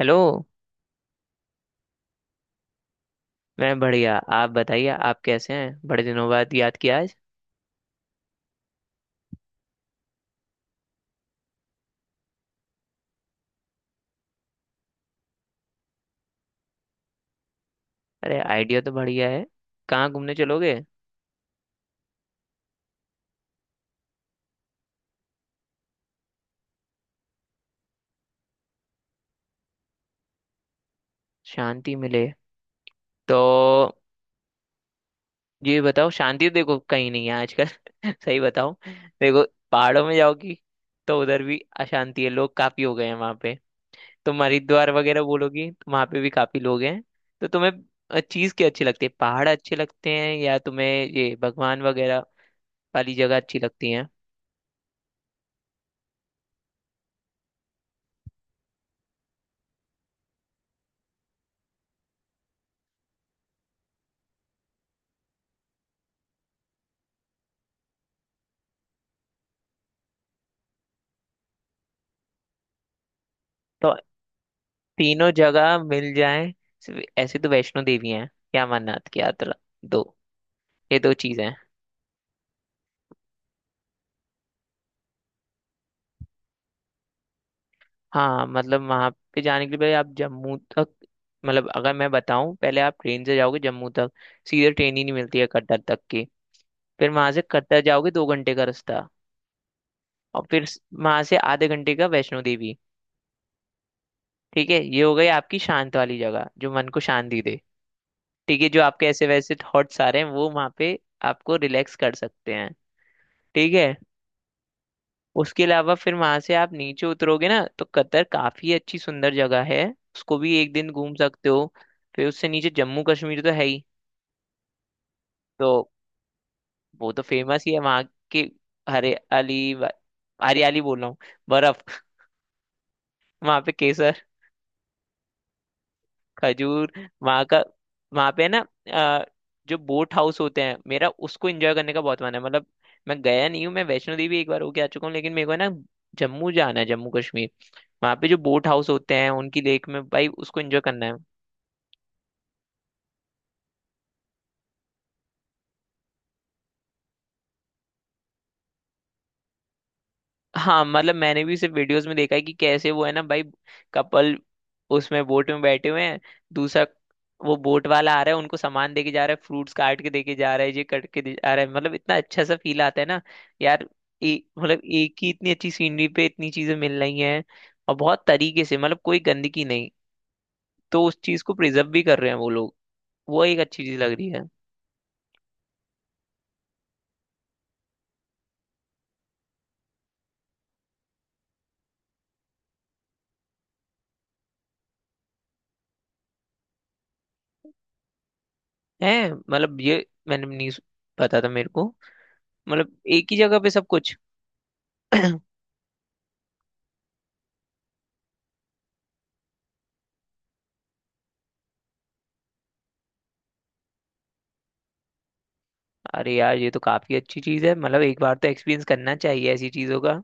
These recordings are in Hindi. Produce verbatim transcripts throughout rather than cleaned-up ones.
हेलो। मैं बढ़िया, आप बताइए, आप कैसे हैं? बड़े दिनों बाद याद किया आज। अरे आइडिया तो बढ़िया है। कहाँ घूमने चलोगे? शांति मिले तो ये बताओ, शांति तो देखो कहीं नहीं है आजकल सही बताओ। देखो, पहाड़ों में जाओगी तो उधर भी अशांति है, लोग काफी हो गए हैं वहाँ पे। तुम हरिद्वार वगैरह बोलोगी तो वहाँ पे भी काफी लोग हैं। तो तुम्हें चीज क्या अच्छी लगती है, पहाड़ अच्छे लगते हैं या तुम्हें ये भगवान वगैरह वाली जगह अच्छी लगती है? तीनों जगह मिल जाए, सिर्फ ऐसे तो वैष्णो देवी हैं या अमरनाथ की यात्रा। दो, ये दो चीजें हैं। हाँ मतलब वहां पे जाने के लिए पहले आप जम्मू तक, मतलब अगर मैं बताऊं, पहले आप ट्रेन से जाओगे जम्मू तक। सीधे ट्रेन ही नहीं मिलती है कटरा तक की। फिर वहां से कटरा जाओगे, दो घंटे का रास्ता। और फिर वहां से आधे घंटे का वैष्णो देवी। ठीक है, ये हो गई आपकी शांत वाली जगह जो मन को शांति दे। ठीक है, जो आपके ऐसे वैसे थॉट्स आ रहे हैं वो वहां पे आपको रिलैक्स कर सकते हैं। ठीक है। उसके अलावा फिर वहां से आप नीचे उतरोगे ना तो कतर काफी अच्छी सुंदर जगह है, उसको भी एक दिन घूम सकते हो। फिर उससे नीचे जम्मू कश्मीर तो है ही। तो वो तो फेमस ही है वहाँ के हरियाली व- हरियाली बोल रहा हूँ, बर्फ वहाँ पे केसर, खजूर वहाँ का। वहाँ पे है ना अ, जो बोट हाउस होते हैं, मेरा उसको एंजॉय करने का बहुत मन है। मतलब मैं गया नहीं हूँ, मैं वैष्णो देवी एक बार होके आ चुका हूँ, लेकिन मेरे को है ना जम्मू जाना है, जम्मू कश्मीर। वहां पे जो बोट हाउस होते हैं उनकी लेक में भाई, उसको एंजॉय करना है। हाँ मतलब मैंने भी सिर्फ वीडियोस में देखा है कि कैसे वो है ना भाई, कपल उसमें बोट में बैठे हुए हैं, दूसरा वो बोट वाला आ रहा है, उनको सामान देके जा रहा है, फ्रूट्स काट के देके जा रहा है, ये कट के दे जा रहा है। मतलब इतना अच्छा सा फील आता है ना यार। ए, मतलब एक ही इतनी अच्छी सीनरी पे इतनी चीजें मिल रही हैं और बहुत तरीके से, मतलब कोई गंदगी नहीं। तो उस चीज को प्रिजर्व भी कर रहे हैं वो लोग, वो एक अच्छी चीज लग रही है। है मतलब ये मैंने नहीं सु- पता था मेरे को, मतलब एक ही जगह पे सब कुछ। अरे यार ये तो काफी अच्छी चीज है, मतलब एक बार तो एक्सपीरियंस करना चाहिए ऐसी चीजों का।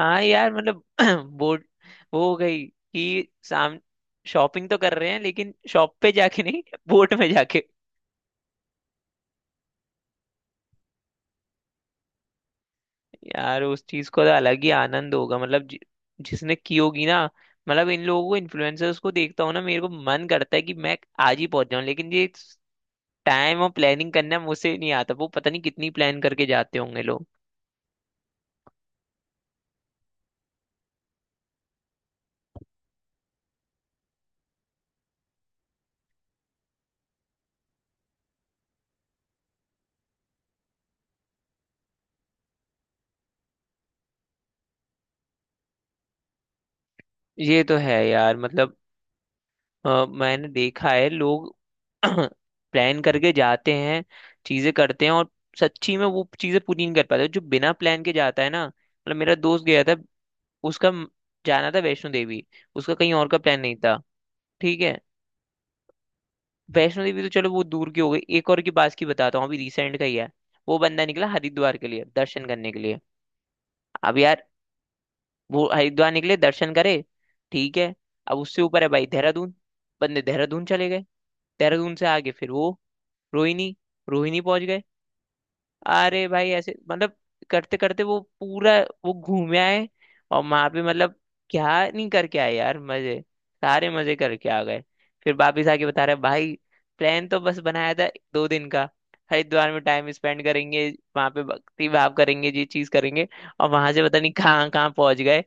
हाँ यार मतलब बोर्ड वो हो गई कि साम शॉपिंग तो कर रहे हैं लेकिन शॉप पे जाके नहीं, बोट में जाके। यार उस चीज को तो अलग ही आनंद होगा, मतलब जि, जिसने की होगी ना। मतलब इन लोगों को इन्फ्लुएंसर्स को देखता हूँ ना, मेरे को मन करता है कि मैं आज ही पहुंच जाऊं, लेकिन ये टाइम और प्लानिंग करना मुझसे नहीं आता। वो पता नहीं कितनी प्लान करके जाते होंगे लोग। ये तो है यार, मतलब अ, मैंने देखा है लोग प्लान करके जाते हैं, चीजें करते हैं और सच्ची में वो चीजें पूरी नहीं कर पाते, जो बिना प्लान के जाता है ना। मतलब मेरा दोस्त गया था, उसका म- जाना था वैष्णो देवी, उसका कहीं और का प्लान नहीं था। ठीक है, वैष्णो देवी तो चलो वो दूर की हो गई, एक और की पास की बताता हूँ, अभी रिसेंट का ही है। वो बंदा निकला हरिद्वार के लिए दर्शन करने के लिए। अब यार वो हरिद्वार निकले, दर्शन करे, ठीक है। अब उससे ऊपर है भाई देहरादून, बंदे देहरादून चले गए। देहरादून से आगे फिर वो रोहिणी, रोहिणी पहुंच गए। अरे भाई ऐसे मतलब करते करते वो पूरा वो घूमे आए। और वहां पे मतलब क्या नहीं करके आए यार, मजे सारे मजे करके आ गए। फिर वापिस आके बता रहे भाई, प्लान तो बस बनाया था दो दिन का, हरिद्वार में टाइम स्पेंड करेंगे, वहां पे भक्ति भाव करेंगे, ये चीज करेंगे, और वहां से पता नहीं कहाँ कहाँ पहुंच गए।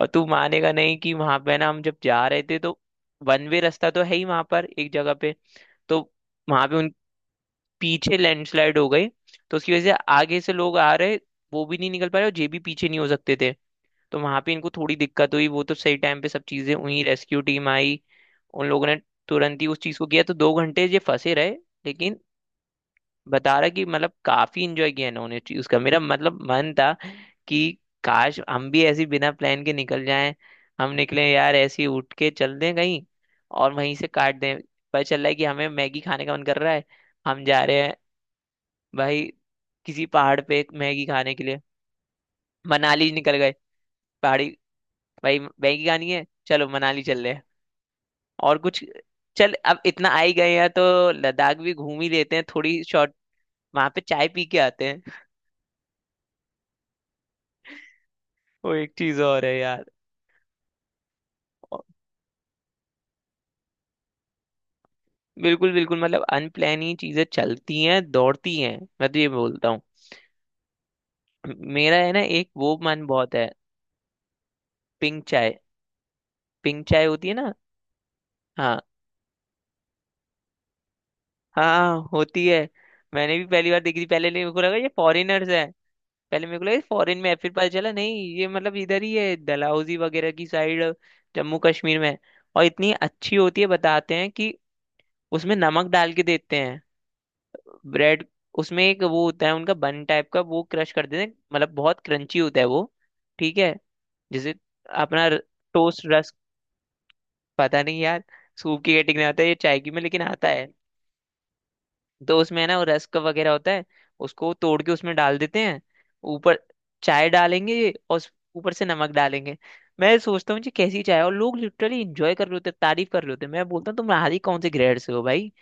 और तू मानेगा नहीं कि वहां पे ना हम जब जा रहे थे तो वन वे रास्ता तो है ही वहां पर एक जगह पे, तो वहां पे पीछे लैंडस्लाइड हो गई। तो उसकी वजह से आगे से लोग आ रहे, वो भी नहीं निकल पा रहे और ये भी पीछे नहीं हो सकते थे। तो वहां पे इनको थोड़ी दिक्कत हुई, वो तो सही टाइम पे सब चीजें हुई, रेस्क्यू टीम आई, उन लोगों ने तुरंत ही उस चीज को किया। तो दो घंटे ये फंसे रहे लेकिन बता रहा कि मतलब काफी इंजॉय किया इन्होंने चीज का। मेरा मतलब मन था कि काश हम भी ऐसे ही बिना प्लान के निकल जाएं। हम निकले यार ऐसे ही उठ के चल दें कहीं, और वहीं से काट दें, पता चल रहा है कि हमें मैगी खाने का मन कर रहा है, हम जा रहे हैं भाई किसी पहाड़ पे मैगी खाने के लिए, मनाली निकल गए। पहाड़ी भाई मैगी खानी है, चलो मनाली चल रहे हैं। और कुछ चल, अब इतना आ ही गए हैं तो लद्दाख भी घूम ही लेते हैं, थोड़ी शॉर्ट, वहां पे चाय पी के आते हैं। वो एक चीज और है यार। और- बिल्कुल बिल्कुल, मतलब अनप्लान ही चीजें चलती हैं, दौड़ती हैं, मैं तो ये बोलता हूँ। मेरा है ना एक वो मन बहुत है, पिंक चाय। पिंक चाय होती है ना। हाँ हाँ, होती है। मैंने भी पहली बार देखी थी, पहले नहीं, मेरे को लगा ये फॉरेनर्स है। पहले मेरे को लगा फॉरेन में है, फिर पता चला नहीं, ये मतलब इधर ही है, डलहौजी वगैरह की साइड, जम्मू कश्मीर में है। और इतनी अच्छी होती है, बताते हैं कि उसमें नमक डाल के देते हैं। ब्रेड उसमें, एक वो होता है उनका बन टाइप का, वो क्रश कर देते हैं, मतलब बहुत क्रंची होता है वो। ठीक है, जैसे अपना टोस्ट रस्क। पता नहीं यार, सूप की कैटेगरी में आता है ये चाय की में, लेकिन आता है। तो उसमें है ना वो रस्क वगैरह होता है, उसको तोड़ के उसमें डाल देते हैं, ऊपर चाय डालेंगे और उस- ऊपर से नमक डालेंगे। मैं सोचता हूँ जी कैसी चाय है, और लोग लिटरली इंजॉय कर रहे होते हैं, तारीफ कर रहे होते हैं। मैं बोलता हूँ तुम नहारी कौन से ग्रेड से हो भाई,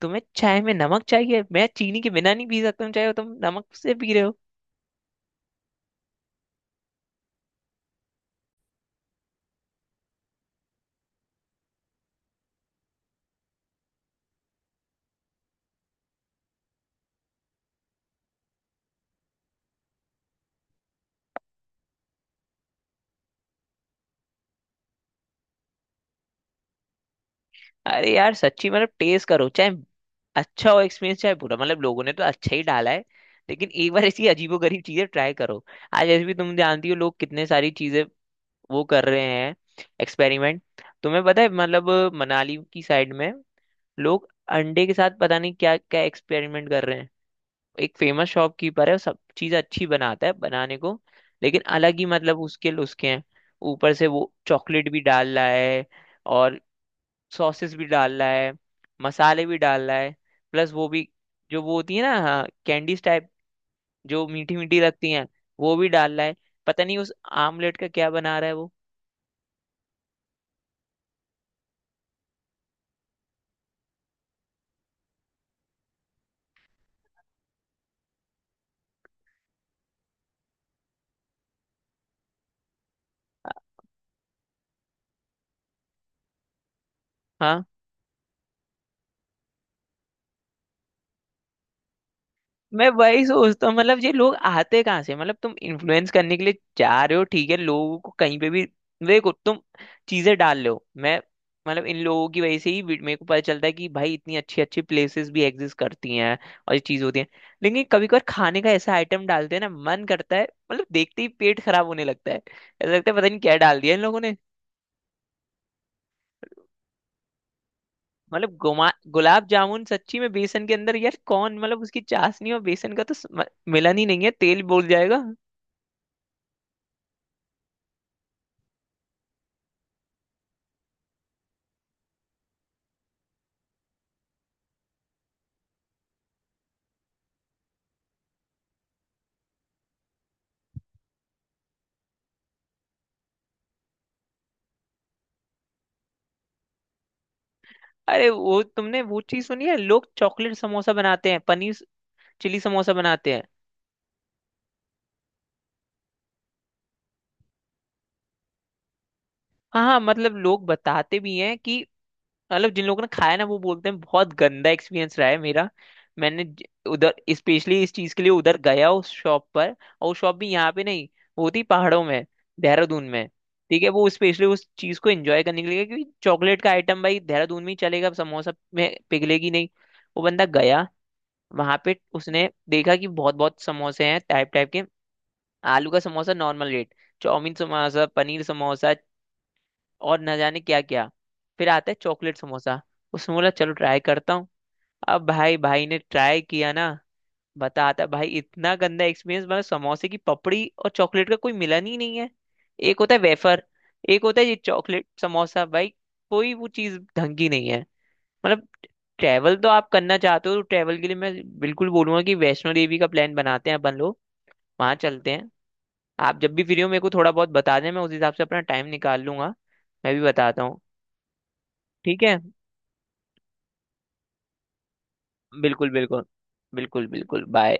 तुम्हें चाय में नमक चाहिए? मैं चीनी के बिना नहीं पी सकता हूँ चाय और तुम नमक से पी रहे हो। अरे यार सच्ची मतलब टेस्ट करो, चाहे अच्छा हो एक्सपीरियंस चाहे बुरा, मतलब लोगों ने तो अच्छा ही डाला है, लेकिन एक बार ऐसी अजीबोगरीब चीजें ट्राई करो। आज ऐसे भी तुम जानती हो लोग कितने सारी चीजें वो कर रहे हैं, एक्सपेरिमेंट। तुम्हें पता है मतलब मनाली की साइड में लोग अंडे के साथ पता नहीं क्या क्या एक्सपेरिमेंट कर रहे हैं। एक फेमस शॉपकीपर है, वो सब चीज़ अच्छी बनाता है बनाने को, लेकिन अलग ही मतलब उसके उसके हैं। ऊपर से वो चॉकलेट भी डाल रहा है, और सॉसेस भी डाल रहा है, मसाले भी डाल रहा है, प्लस वो भी जो वो होती है ना, हाँ कैंडीज टाइप, जो मीठी मीठी लगती हैं, वो भी डाल रहा है। पता नहीं उस आमलेट का क्या बना रहा है वो। हाँ मैं वही सोचता हूँ, मतलब ये लोग आते कहाँ से, मतलब तुम इन्फ्लुएंस करने के लिए जा रहे हो ठीक है, लोगों को कहीं पे भी देखो तुम चीजें डाल रहे हो। मैं मतलब इन लोगों की वजह से ही वी- मेरे को पता चलता है कि भाई इतनी अच्छी अच्छी प्लेसेस भी एग्जिस्ट करती हैं और ये चीज होती है। लेकिन कभी कभार खाने का ऐसा आइटम डालते हैं ना, मन करता है, मतलब देखते ही पेट खराब होने लगता है, ऐसा लगता है पता नहीं क्या डाल दिया इन लोगों ने। मतलब गुमा गुलाब जामुन सच्ची में बेसन के अंदर यार, कौन, मतलब उसकी चाशनी और बेसन का तो स्म- मिलन ही नहीं है, तेल बोल जाएगा। अरे वो तुमने वो चीज सुनी है लोग चॉकलेट समोसा बनाते हैं, पनीर चिली समोसा बनाते हैं। हाँ हाँ, मतलब लोग बताते भी हैं कि मतलब जिन लोगों ने खाया ना वो बोलते हैं बहुत गंदा एक्सपीरियंस रहा है मेरा। मैंने ज- उधर स्पेशली इस चीज के लिए उधर गया उस शॉप पर, और वो शॉप भी यहाँ पे नहीं, वो थी पहाड़ों में, देहरादून में। ठीक है, वो स्पेशली उस चीज को एंजॉय करने के लिए, क्योंकि चॉकलेट का आइटम भाई देहरादून में ही चलेगा, समोसा में पिघलेगी नहीं। वो बंदा गया वहां पे, उसने देखा कि बहुत बहुत समोसे हैं टाइप टाइप के। आलू का samosa normal rate, chowmein samosa, paneer samosa, और न जाने क्या क्या। फिर आता है चॉकलेट समोसा। उसने बोला चलो ट्राई करता हूँ। अब भाई, भाई ने ट्राई किया ना, बताता भाई इतना गंदा एक्सपीरियंस, मतलब समोसे की पपड़ी और चॉकलेट का कोई मिलन ही नहीं है। एक होता है वेफर, एक होता है ये चॉकलेट समोसा भाई। कोई वो चीज ढंग की नहीं है। मतलब ट्रैवल तो आप करना चाहते हो, तो ट्रैवल के लिए मैं बिल्कुल बोलूंगा कि वैष्णो देवी का प्लान बनाते हैं अपन लोग, वहां चलते हैं। आप जब भी फ्री हो मेरे को थोड़ा बहुत बता दें, मैं उस हिसाब से अपना टाइम निकाल लूंगा। मैं भी बताता हूँ। ठीक है, बिल्कुल बिल्कुल, बिल्कुल बिल्कुल, बाय।